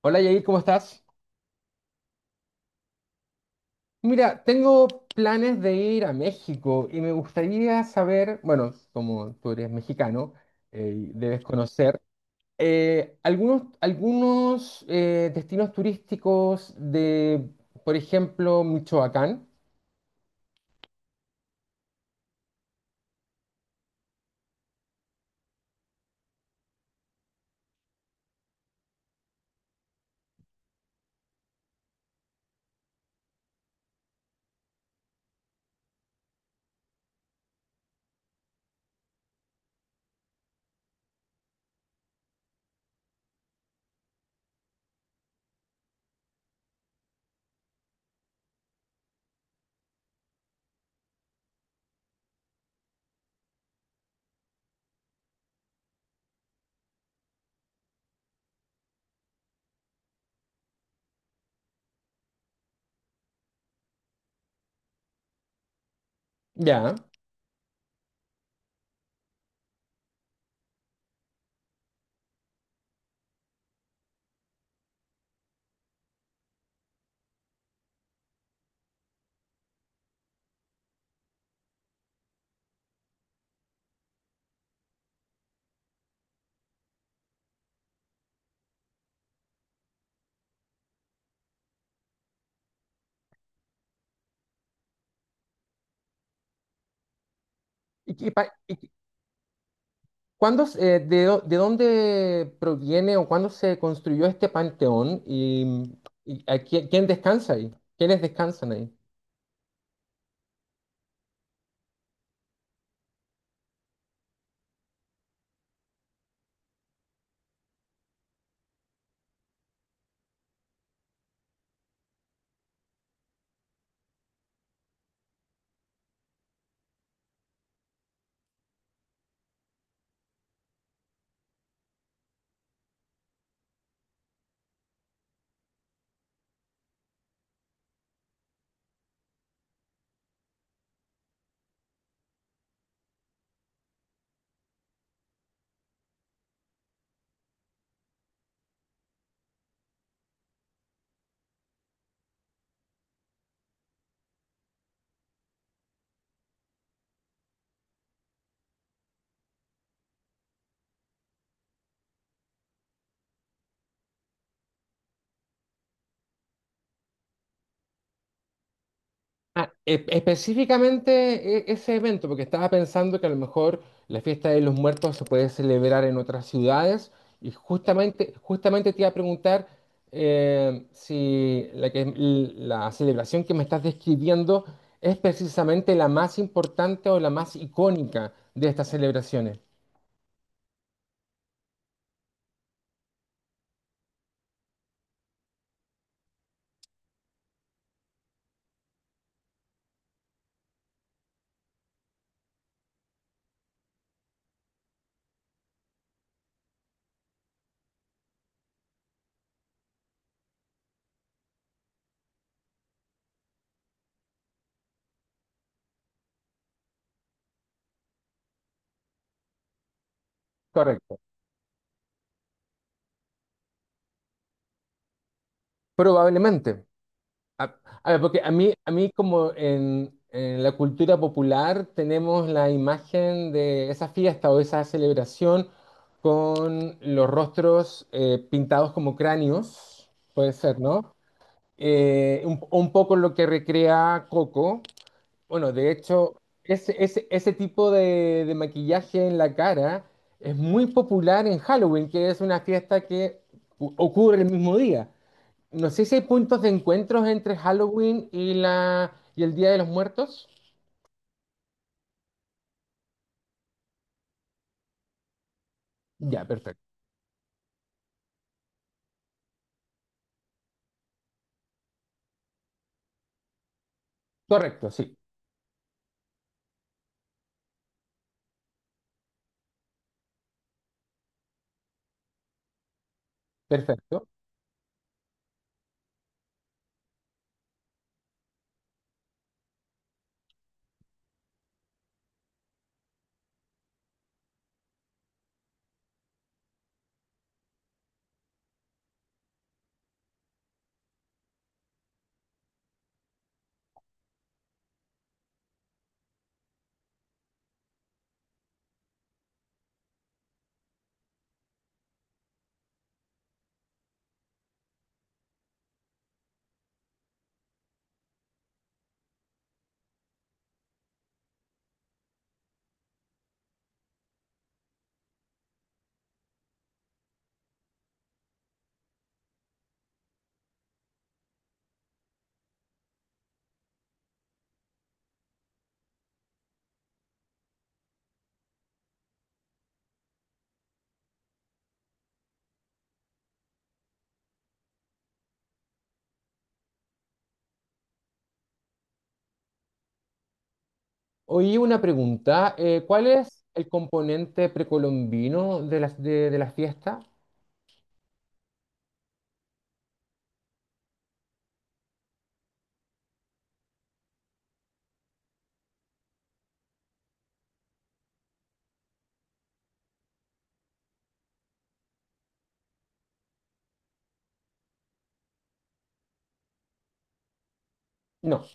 Hola Yair, ¿cómo estás? Mira, tengo planes de ir a México y me gustaría saber, bueno, como tú eres mexicano, y debes conocer algunos destinos turísticos de, por ejemplo, Michoacán. Ya. ¿Y, qué pa- y qué- cuándo se- de, dó- de dónde proviene o cuándo se construyó este panteón? ¿Y, quién descansa ahí? ¿Quiénes descansan ahí? Específicamente ese evento, porque estaba pensando que a lo mejor la fiesta de los muertos se puede celebrar en otras ciudades y justamente te iba a preguntar, si la, que- la celebración que me estás describiendo es precisamente la más importante o la más icónica de estas celebraciones. Correcto. Probablemente. A, a ver, porque a mí, como en la cultura popular, tenemos la imagen de esa fiesta o esa celebración con los rostros pintados como cráneos, puede ser, ¿no? Un poco lo que recrea Coco. Bueno, de hecho, ese tipo de maquillaje en la cara es muy popular en Halloween, que es una fiesta que ocurre el mismo día. No sé si hay puntos de encuentros entre Halloween y la y el Día de los Muertos. Ya, perfecto. Correcto, sí. Perfecto. Oí una pregunta. ¿Cuál es el componente precolombino de de la fiesta? No.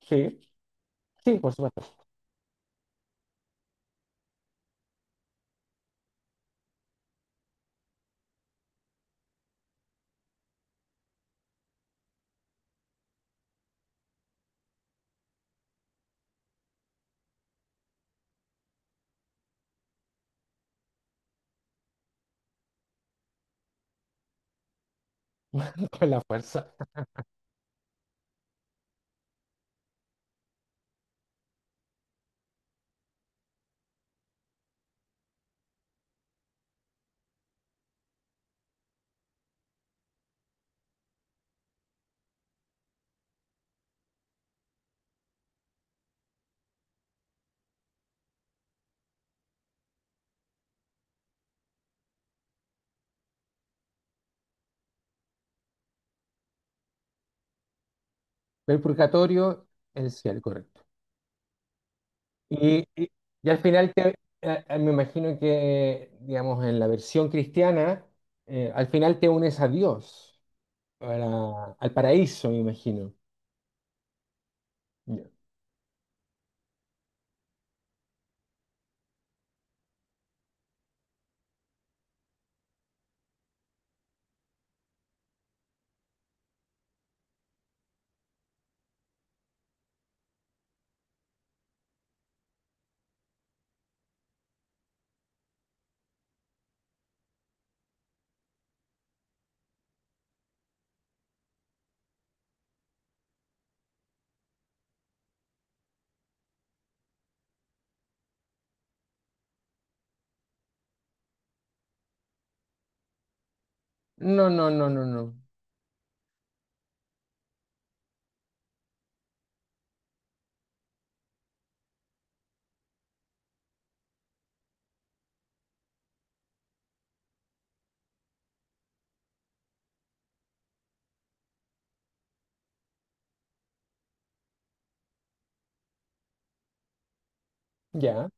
Sí. Sí, por supuesto. Con la fuerza. El purgatorio, el cielo, correcto. Y, y- y al final te- Me imagino que, digamos, en la versión cristiana, al final te unes a Dios, al paraíso, me imagino. Ya. No, no, no, no, no. Ya,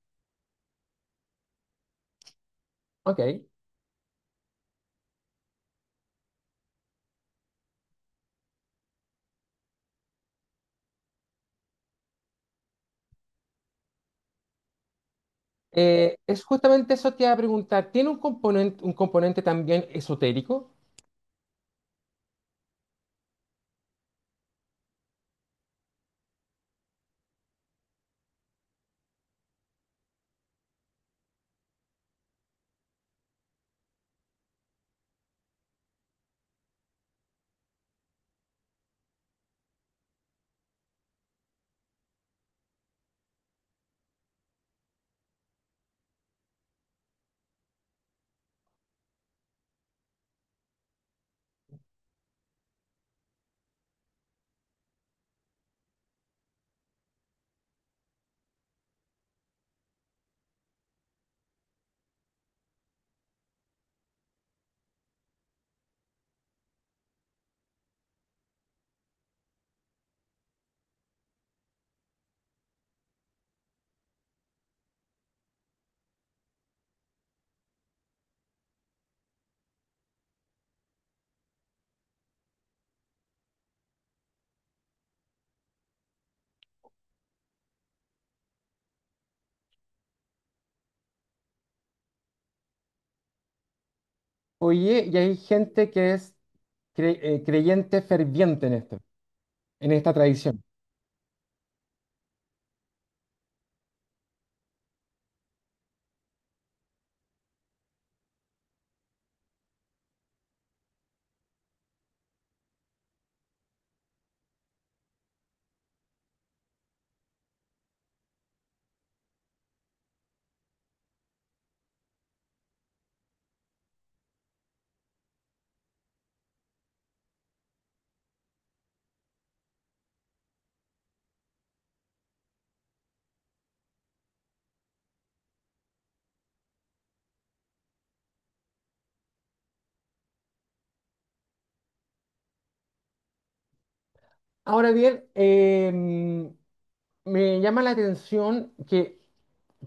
ok. Es justamente eso que iba a preguntar. ¿Tiene un componente también esotérico? Oye, y hay gente que es creyente ferviente en esto, en esta tradición. Ahora bien, me llama la atención que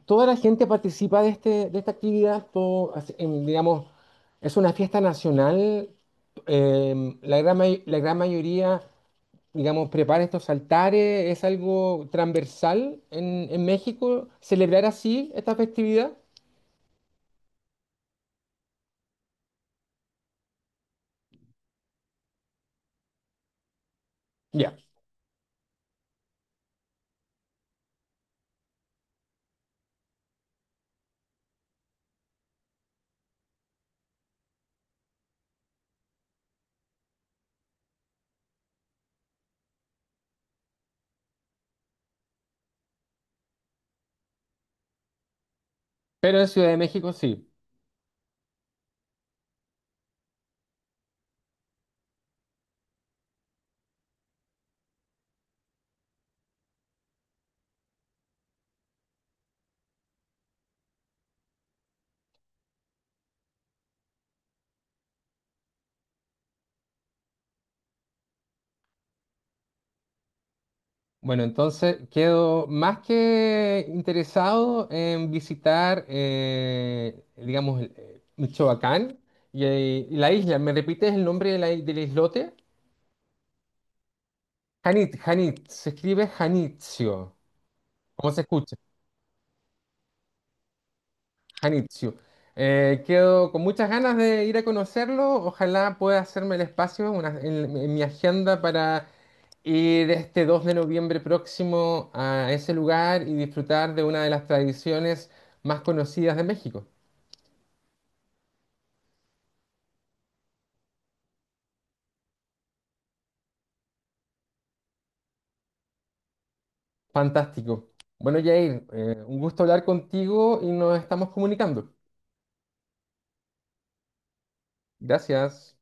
toda la gente participa de de esta actividad, todo, así, en, digamos, es una fiesta nacional. La gran mayoría, digamos, prepara estos altares, es algo transversal en México, celebrar así esta festividad. Ya. Pero en Ciudad de México sí. Bueno, entonces quedo más que interesado en visitar, Michoacán y la isla. ¿Me repites el nombre de la del islote? Se escribe Janitzio. ¿Cómo se escucha? Hanitsu. Quedo con muchas ganas de ir a conocerlo. Ojalá pueda hacerme el espacio en mi agenda para ir este 2 de noviembre próximo a ese lugar y disfrutar de una de las tradiciones más conocidas de México. Fantástico. Bueno, Jair, un gusto hablar contigo y nos estamos comunicando. Gracias.